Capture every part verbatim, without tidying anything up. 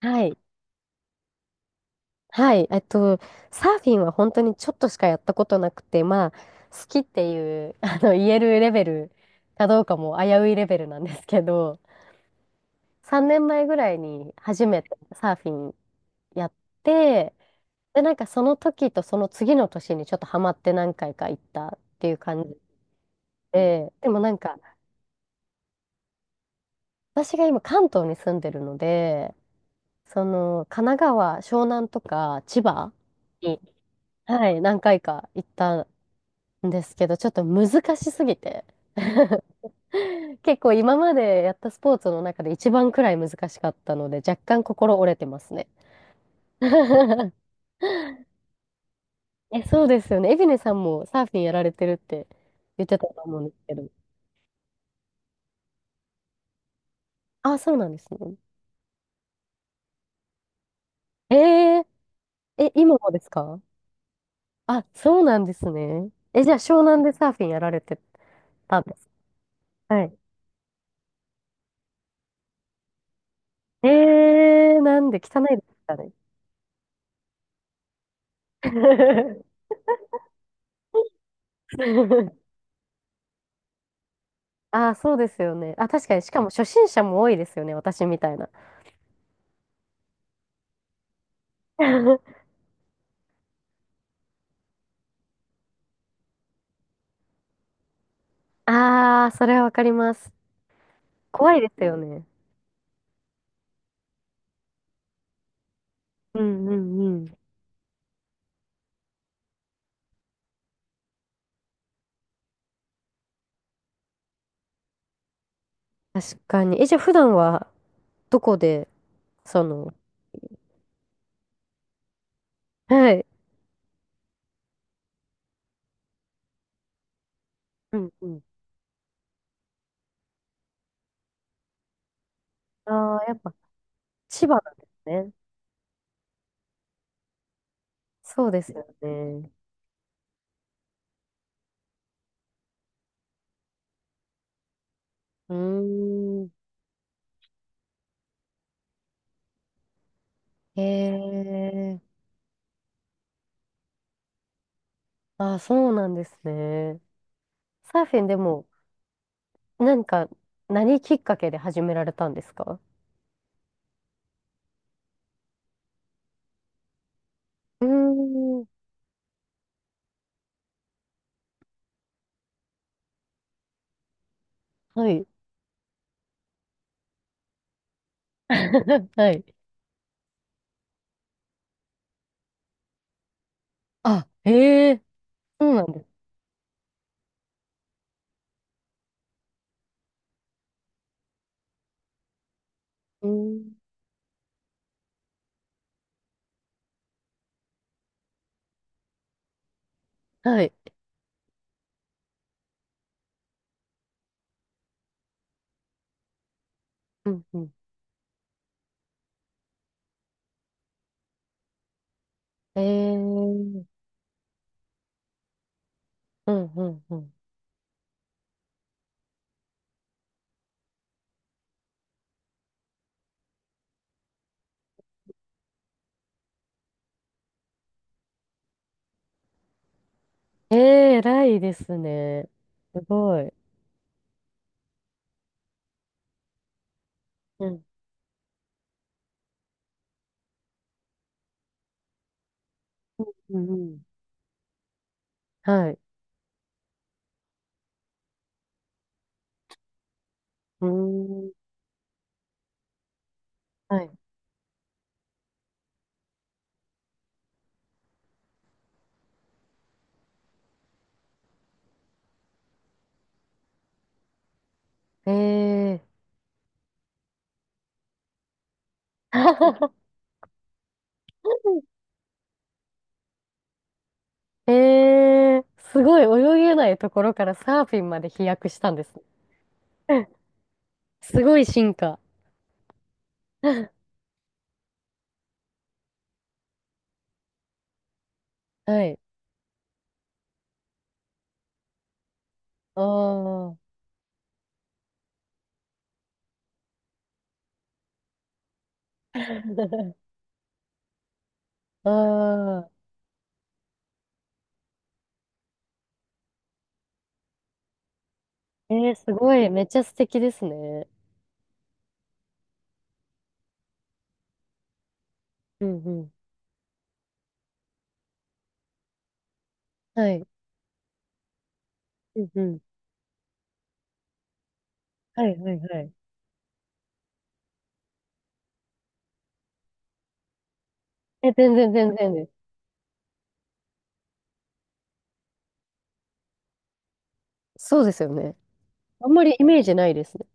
はい。はい。えっと、サーフィンは本当にちょっとしかやったことなくて、まあ、好きっていう、あの、言えるレベルかどうかも危ういレベルなんですけど、さんねんまえぐらいに初めてサーフィンやって、で、なんかその時とその次の年にちょっとハマって何回か行ったっていう感じで、でもなんか私が今関東に住んでるので、その神奈川、湘南とか千葉に、はい、何回か行ったんですけど、ちょっと難しすぎて。結構今までやったスポーツの中で一番くらい難しかったので、若干心折れてますね。え、そうですよね。エビネさんもサーフィンやられてるって言ってたと思うんですけど。あ、そうなんですね。えー、え、今もですか？あ、そうなんですね。え、じゃあ湘南でサーフィンやられてたんですか？はい。えー、なんで汚いですかね。ああ、そうですよね。あ、確かに、しかも初心者も多いですよね、私みたいな。ああ、それはわかります。怖いですよね。うんうんうん。確かに。え、じゃあ普段はどこで、その、はい。うんうん。ああ、やっぱ千葉なんですね。そうですよね。うーん。へえ。ああ、そうなんですね。サーフィンでも、なんか、何きっかけで始められたんですか？うーん。はい。はい。あ、へえ、そうなんです。うん。はい。うんうん。ええ、うんうんうん。ええ、偉いですね。すごい。うん。うんうん。はい。うーん。はい。ええ。ええ、すごい泳げないところからサーフィンまで飛躍したんですね。すごい進化。はい。ああ。ああ。ええ、すごい。めっちゃ素敵ですね。うんうん。はい。うんうん。はいはいはい。え、全然全然です。そうですよね。あんまりイメージないですね。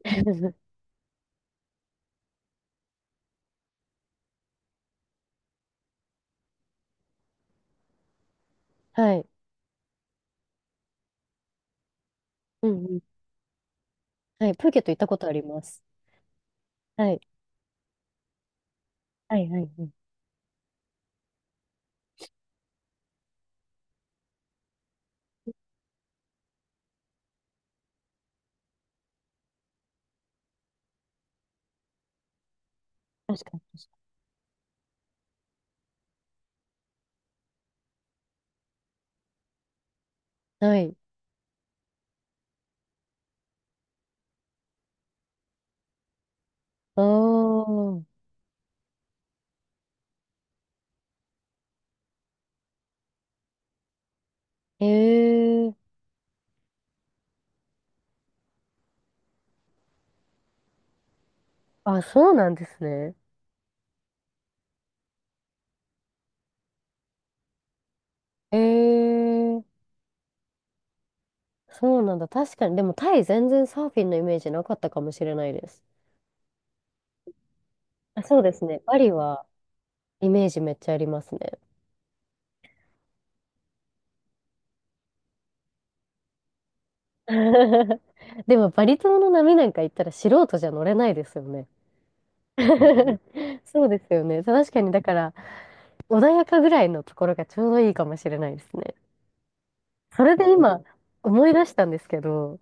はい。うんうん。はい。プーケット行ったことあります。はい。はいはいはい。確かに確かに。はい。ああ。へえ。あ、そうなんですね。へえ。そうなんだ。確かに。でもタイ全然サーフィンのイメージなかったかもしれないです。あ、そうですね。バリはイメージめっちゃありますね。でもバリ島の波なんか行ったら素人じゃ乗れないですよね。そうですよね。確かに、だから、穏やかぐらいのところがちょうどいいかもしれないですね。それで今、思い出したんですけど、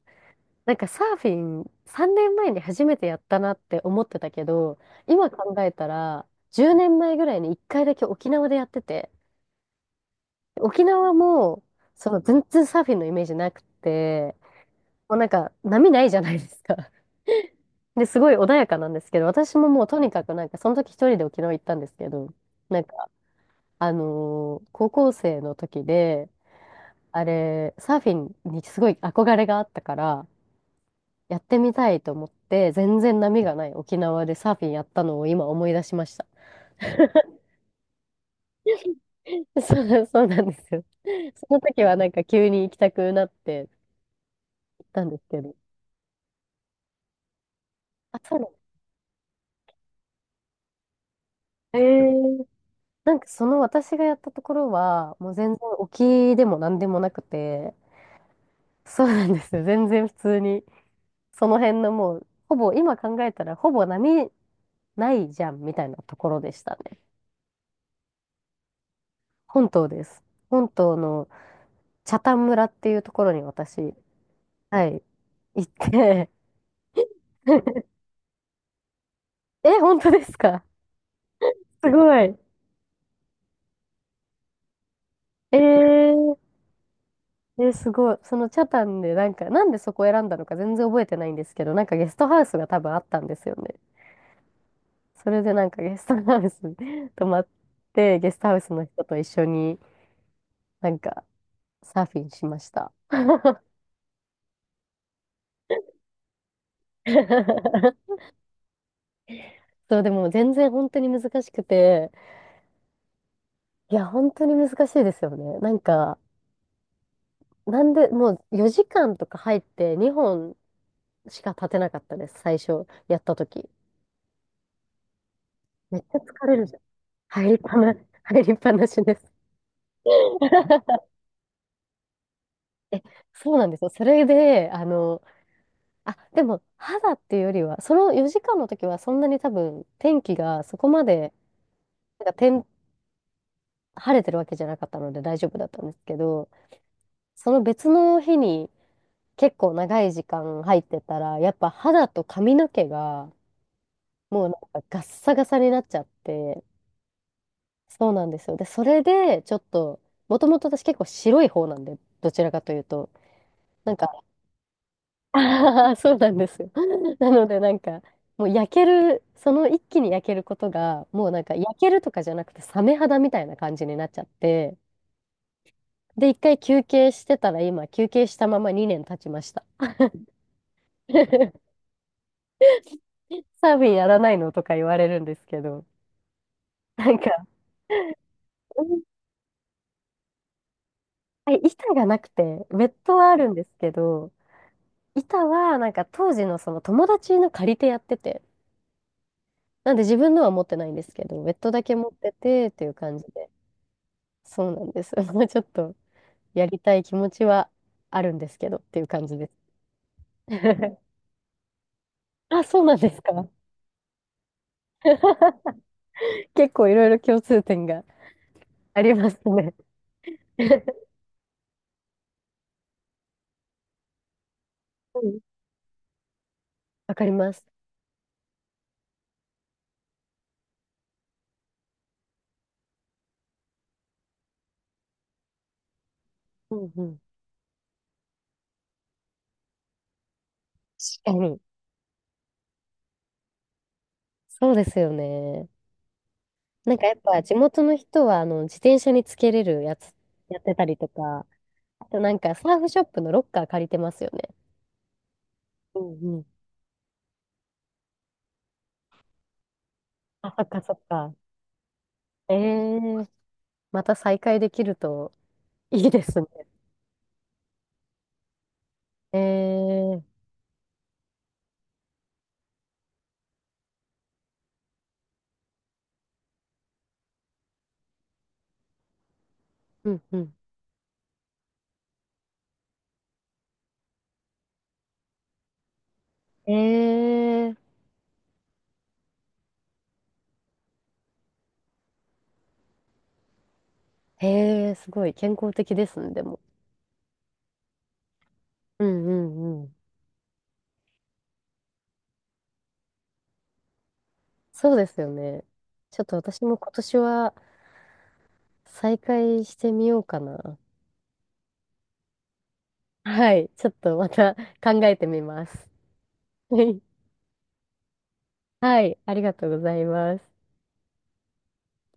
なんかサーフィンさんねんまえに初めてやったなって思ってたけど、今考えたら、じゅうねんまえぐらいにいっかいだけ沖縄でやってて、沖縄も、その全然サーフィンのイメージなくて、もうなんか波ないじゃないですか。で、すごい穏やかなんですけど、私ももうとにかくなんか、その時一人で沖縄行ったんですけど、なんかあのー高校生の時で、あれ、サーフィンにすごい憧れがあったから、やってみたいと思って、全然波がない沖縄でサーフィンやったのを今思い出しました。そう、そうなんですよ。その時はなんか急に行きたくなって行ったんですけど。あ、そうなんだ。えーなんかその私がやったところは、もう全然沖でも何でもなくて、そうなんですよ。全然普通に、その辺のもう、ほぼ、今考えたらほぼ波ないじゃんみたいなところでしたね。本島です。本島の北谷村っていうところに私、はい、行って え、本当ですか？すごい。えー、え、すごい。その北谷でなんか、なんでそこを選んだのか全然覚えてないんですけど、なんかゲストハウスが多分あったんですよね。それでなんかゲストハウスに 泊まって、ゲストハウスの人と一緒になんかサーフィンしました。そう、でも全然本当に難しくて、いや、本当に難しいですよね。なんか、なんで、もうよじかんとか入ってにほんしか立てなかったです、最初やった時。めっちゃ疲れるじゃん。入りっぱな、入りっぱなしです。え、そうなんですよ。それで、あの、あ、でも、肌っていうよりは、そのよじかんの時はそんなに多分、天気がそこまで、なんか天、晴れてるわけじゃなかったので大丈夫だったんですけど、その別の日に結構長い時間入ってたら、やっぱ肌と髪の毛が、もうなんかガッサガサになっちゃって、そうなんですよ。で、それで、ちょっと、もともと私結構白い方なんで、どちらかというと、なんか、ああ、そうなんですよ。なので、なんか、もう焼ける、その一気に焼けることが、もうなんか焼けるとかじゃなくて、サメ肌みたいな感じになっちゃって、で、一回休憩してたら、今、休憩したままにねん経ちました。サーフィンやらないのとか言われるんですけど、なんか、うん板がなくて、ウェットはあるんですけど、板は、なんか当時のその友達の借りてやってて、なんで自分のは持ってないんですけど、ベッドだけ持っててっていう感じで、そうなんです。もうちょっとやりたい気持ちはあるんですけどっていう感じです。あ、そうなんですか。結構いろいろ共通点がありますね。うん、わかります。うんうん。確かに。そうですよね。なんかやっぱ地元の人はあの自転車につけれるやつやってたりとか、あとなんかサーフショップのロッカー借りてますよね。うんうん。あ、そっかそっか。ええまた再会できるといいですね。ええうんうん。ええええすごい健康的ですね、でも。うんうんうん。そうですよね。ちょっと私も今年は再会してみようかな。はい、ちょっとまた考えてみます。はい、はいありがとうございます。